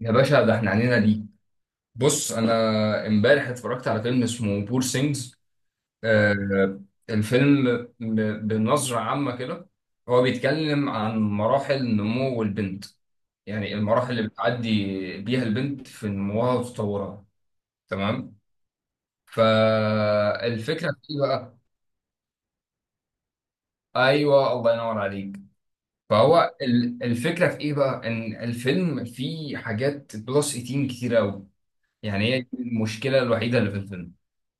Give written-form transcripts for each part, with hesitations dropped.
يا باشا ده احنا عنينا ليك. بص، انا امبارح اتفرجت على فيلم اسمه بور سينجز. آه الفيلم بنظرة عامة كده، هو بيتكلم عن مراحل نمو البنت. يعني المراحل اللي بتعدي بيها البنت في نموها وتطورها. تمام. فالفكرة في ايه بقى؟ ايوه، الله ينور عليك. فهو الفكرة في ايه بقى؟ ان الفيلم فيه حاجات بلس 18 كتير قوي. يعني هي دي المشكلة الوحيدة اللي في الفيلم.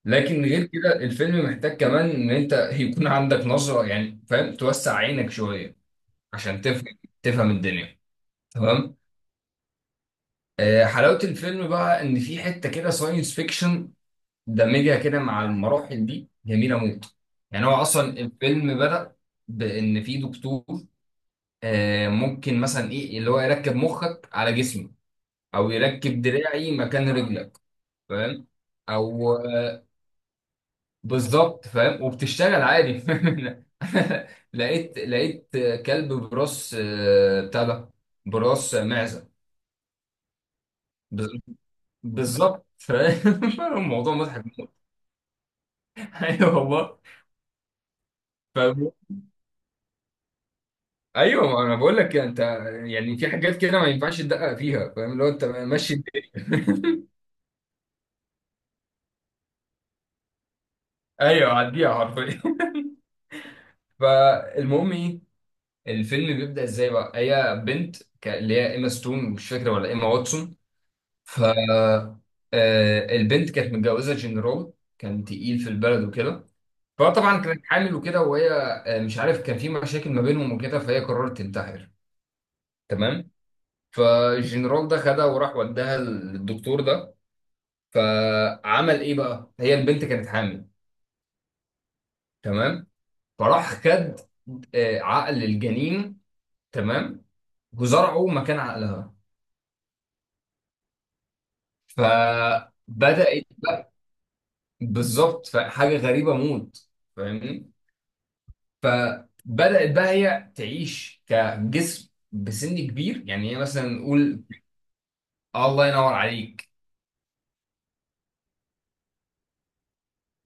لكن غير كده الفيلم محتاج كمان ان انت يكون عندك نظرة، يعني فاهم، توسع عينك شوية عشان تفهم الدنيا. تمام. حلاوة الفيلم بقى ان في حتة كده ساينس فيكشن، دمجها كده مع المراحل دي جميلة موت. يعني هو اصلا الفيلم بدأ بان في دكتور. ممكن مثلا ايه اللي هو يركب مخك على جسمي، او يركب دراعي مكان رجلك، فاهم؟ او بالظبط، فاهم؟ وبتشتغل عادي. لقيت كلب براس بتاع ده، براس معزه. بز- بالظبط، فاهم. الموضوع مضحك. ايوه والله. فاهم؟ ايوه، ما انا بقول لك انت. يعني في حاجات كده ما ينفعش تدقق فيها، فاهم، لو انت ماشي الدنيا. ايوه، عديها حرفيا. فالمهم ايه؟ الفيلم بيبدأ ازاي بقى؟ هي بنت اللي هي ايما ستون، مش فاكره ولا ايما واتسون. ف آه، البنت كانت متجوزه جنرال، كان تقيل في البلد وكده. فطبعا كانت حامل وكده، وهي مش عارف، كان في مشاكل ما بينهم وكده، فهي قررت تنتحر. تمام. فالجنرال ده خدها وراح وداها للدكتور ده. فعمل ايه بقى؟ هي البنت كانت حامل. تمام. فراح خد عقل الجنين. تمام. وزرعه مكان عقلها. فبدأت بقى. بالظبط، فحاجة غريبة موت. فاهمني. فبدأت بقى هي تعيش كجسم بسن كبير، يعني هي مثلا نقول. الله ينور عليك.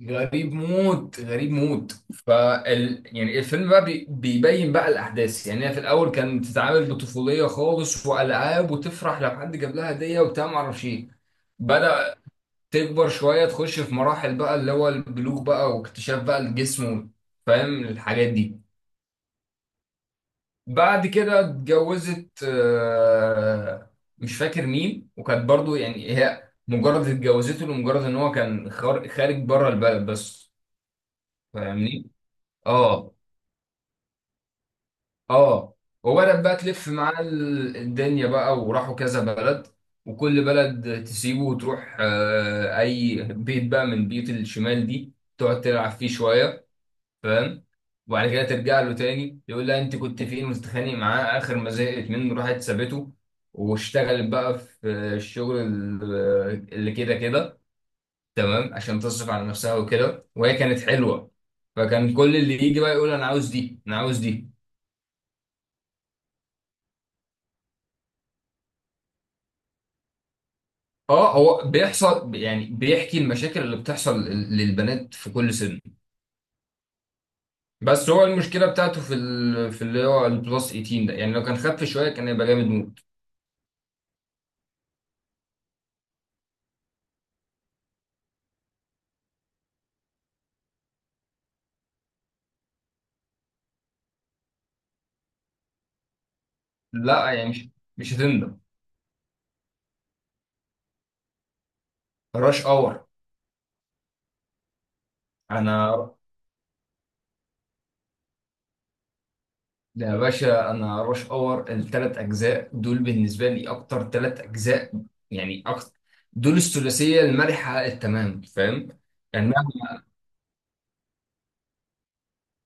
غريب موت، غريب موت. يعني الفيلم بقى بيبين بقى الاحداث. يعني هي في الاول كانت بتتعامل بطفوليه خالص، والعاب، وتفرح لو حد جاب لها هديه وبتاع، ما اعرفش ايه. بدأ تكبر شويه، تخش في مراحل بقى اللي هو البلوغ بقى، واكتشاف بقى الجسم، فاهم الحاجات دي. بعد كده اتجوزت، مش فاكر مين، وكانت برضو يعني هي مجرد اتجوزته لمجرد ان هو كان خارج بره البلد بس، فاهمني؟ اه، اه. وبدأت بقى تلف معاه الدنيا بقى، وراحوا كذا بلد. وكل بلد تسيبه وتروح اي بيت بقى من بيوت الشمال دي، تقعد تلعب فيه شوية، فاهم. وبعد كده ترجع له تاني يقول لها انت كنت فين، وتتخانق معاه، اخر ما زهقت منه راحت سابته. واشتغلت بقى في الشغل اللي كده كده، تمام، عشان تصرف على نفسها وكده، وهي كانت حلوه، فكان كل اللي يجي بقى يقول انا عاوز دي، انا عاوز دي. اه، هو بيحصل، يعني بيحكي المشاكل اللي بتحصل للبنات في كل سن. بس هو المشكله بتاعته في ال... في اللي هو البلس 18 ده، يعني لو كان خف شويه كان هيبقى جامد موت. لا، يعني مش هتندم. راش اور. انا ده يا باشا، انا رش اور الثلاث اجزاء دول بالنسبه لي اكتر ثلاث اجزاء، يعني اكتر. دول الثلاثيه المرحه التمام، فاهم. يعني نعم،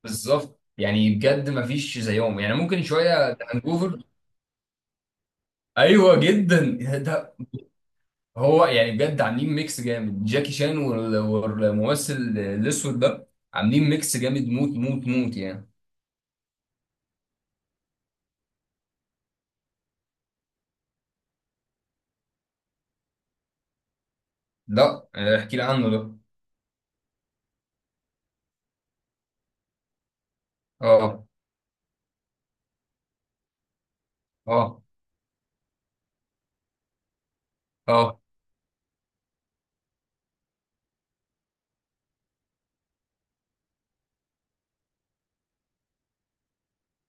بالظبط. يعني بجد ما فيش زيهم، يعني ممكن شويه ذا هانجوفر. ايوه جدا. ده هو يعني بجد عاملين ميكس جامد، جاكي شان والممثل الاسود ده، عاملين ميكس جامد موت موت موت يعني. لا. احكي لي عنه ده. اه، اه، اه،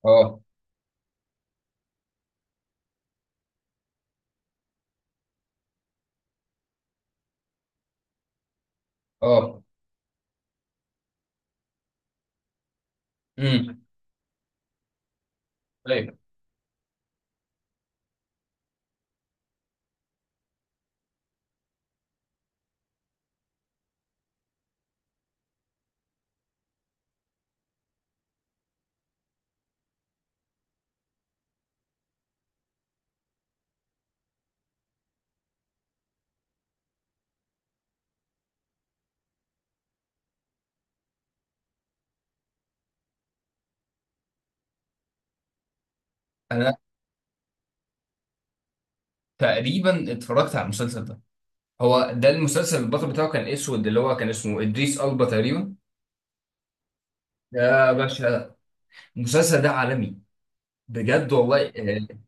اه، اه. امم انا تقريبا اتفرجت على المسلسل ده. هو ده المسلسل البطل بتاعه كان اسود، اللي هو كان اسمه ادريس البا تقريبا. يا باشا، المسلسل ده عالمي، بجد والله. آه.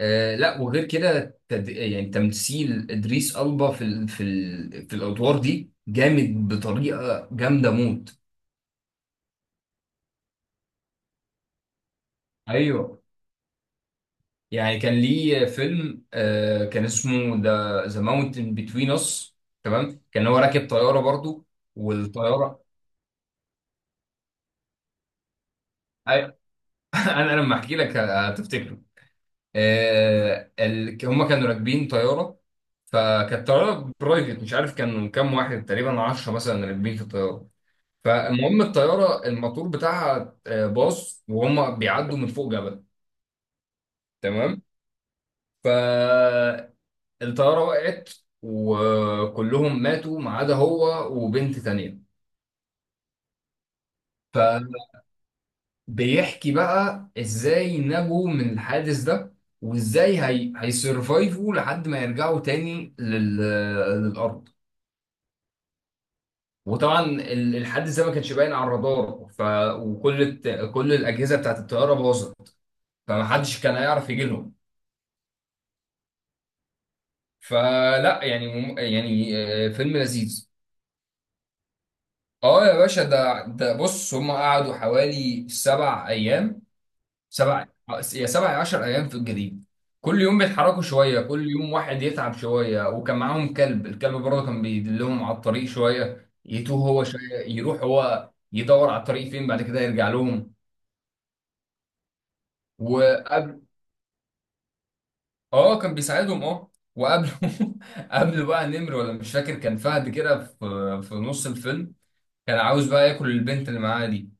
لا، وغير كده يعني تمثيل ادريس البا في الادوار دي جامد بطريقه جامده موت. ايوه. يعني كان ليه فيلم كان اسمه ذا ماونتن بتوين اس. تمام، كان هو راكب طياره برضو. والطياره انا لما احكي لك هتفتكره. هم كانوا راكبين طياره، فكانت طياره برايفت. مش عارف كانوا كام واحد، تقريبا 10 مثلا راكبين في الطياره. فالمهم الطياره الموتور بتاعها باظ وهم بيعدوا من فوق جبل. تمام. فالطياره وقعت، وكلهم ماتوا ما عدا هو وبنت تانيه. بيحكي بقى ازاي نجوا من الحادث ده، وازاي هيسرفايفوا لحد ما يرجعوا تاني للارض. وطبعا الحادث ده ما كانش باين على الرادار. وكل الت... كل الاجهزه بتاعت الطياره باظت، فما حدش كان هيعرف يجي لهم. فلا، يعني يعني فيلم لذيذ. اه يا باشا، ده بص، هم قعدوا حوالي سبع ايام. سبع يا سبع يا 10 ايام في الجليد. كل يوم بيتحركوا شويه، كل يوم واحد يتعب شويه. وكان معاهم كلب، الكلب برضه كان بيدلهم على الطريق شويه، يتوه هو شويه، يروح هو يدور على الطريق فين، بعد كده يرجع لهم. وقبل اه، كان بيساعدهم، اه. وقبل قبل بقى نمر، ولا مش فاكر كان فهد كده، في نص الفيلم كان عاوز بقى ياكل البنت اللي معاه دي،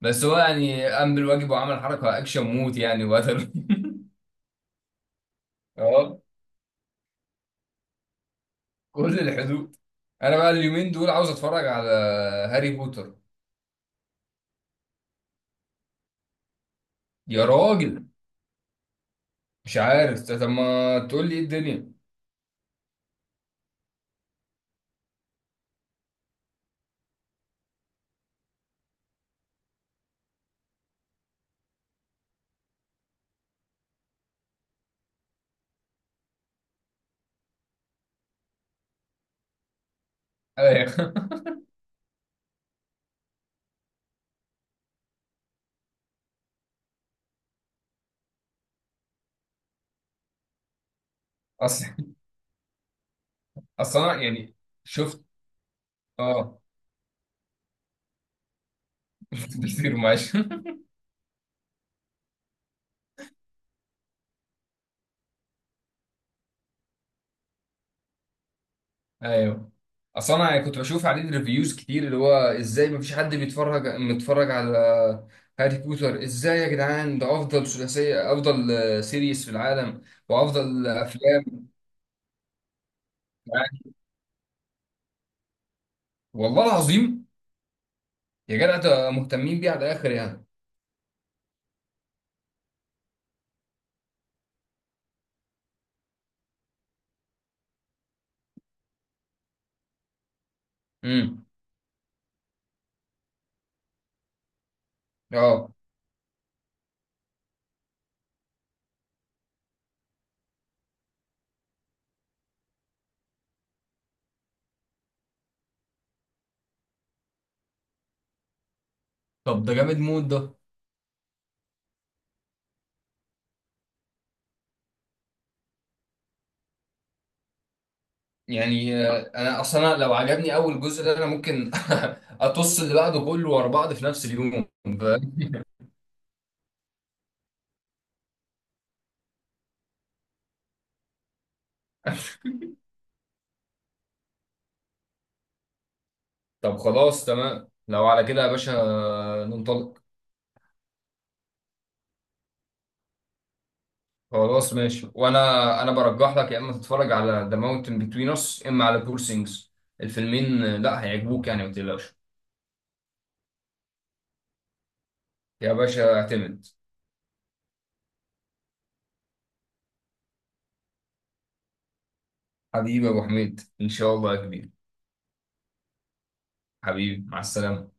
بس هو يعني قام بالواجب وعمل حركه اكشن موت يعني وقتل. كل الحدود. انا بقى اليومين دول عاوز اتفرج على هاري بوتر. يا راجل، مش عارف، طب ما تقول لي ايه الدنيا. ايوه. اصل اصل انا يعني شفت. اه. شفت كتير، معلش. ايوه. اصل انا يعني كنت بشوف عليه ريفيوز كتير، اللي هو ازاي مفيش حد متفرج على هاري بوتر. ازاي يا جدعان؟ ده افضل ثلاثيه، افضل سيريس في العالم، وافضل افلام. والله العظيم. يا جدع ده مهتمين بيه على الاخر يعني. امم اه. طب ده جامد مود ده. يعني انا اصلا لو عجبني اول جزء ده، انا ممكن اطص اللي بعده كله ورا بعض في نفس اليوم، فاهم. طب خلاص، تمام، لو على كده يا باشا، ننطلق. خلاص، ماشي. وانا انا برجح لك يا اما تتفرج على ذا ماونتن بتوين اس، اما على بور سينجز. الفيلمين لا هيعجبوك، يعني ما تقلقش. يا باشا اعتمد. حبيبي يا ابو حميد، ان شاء الله يا كبير. حبيبي، مع السلامه.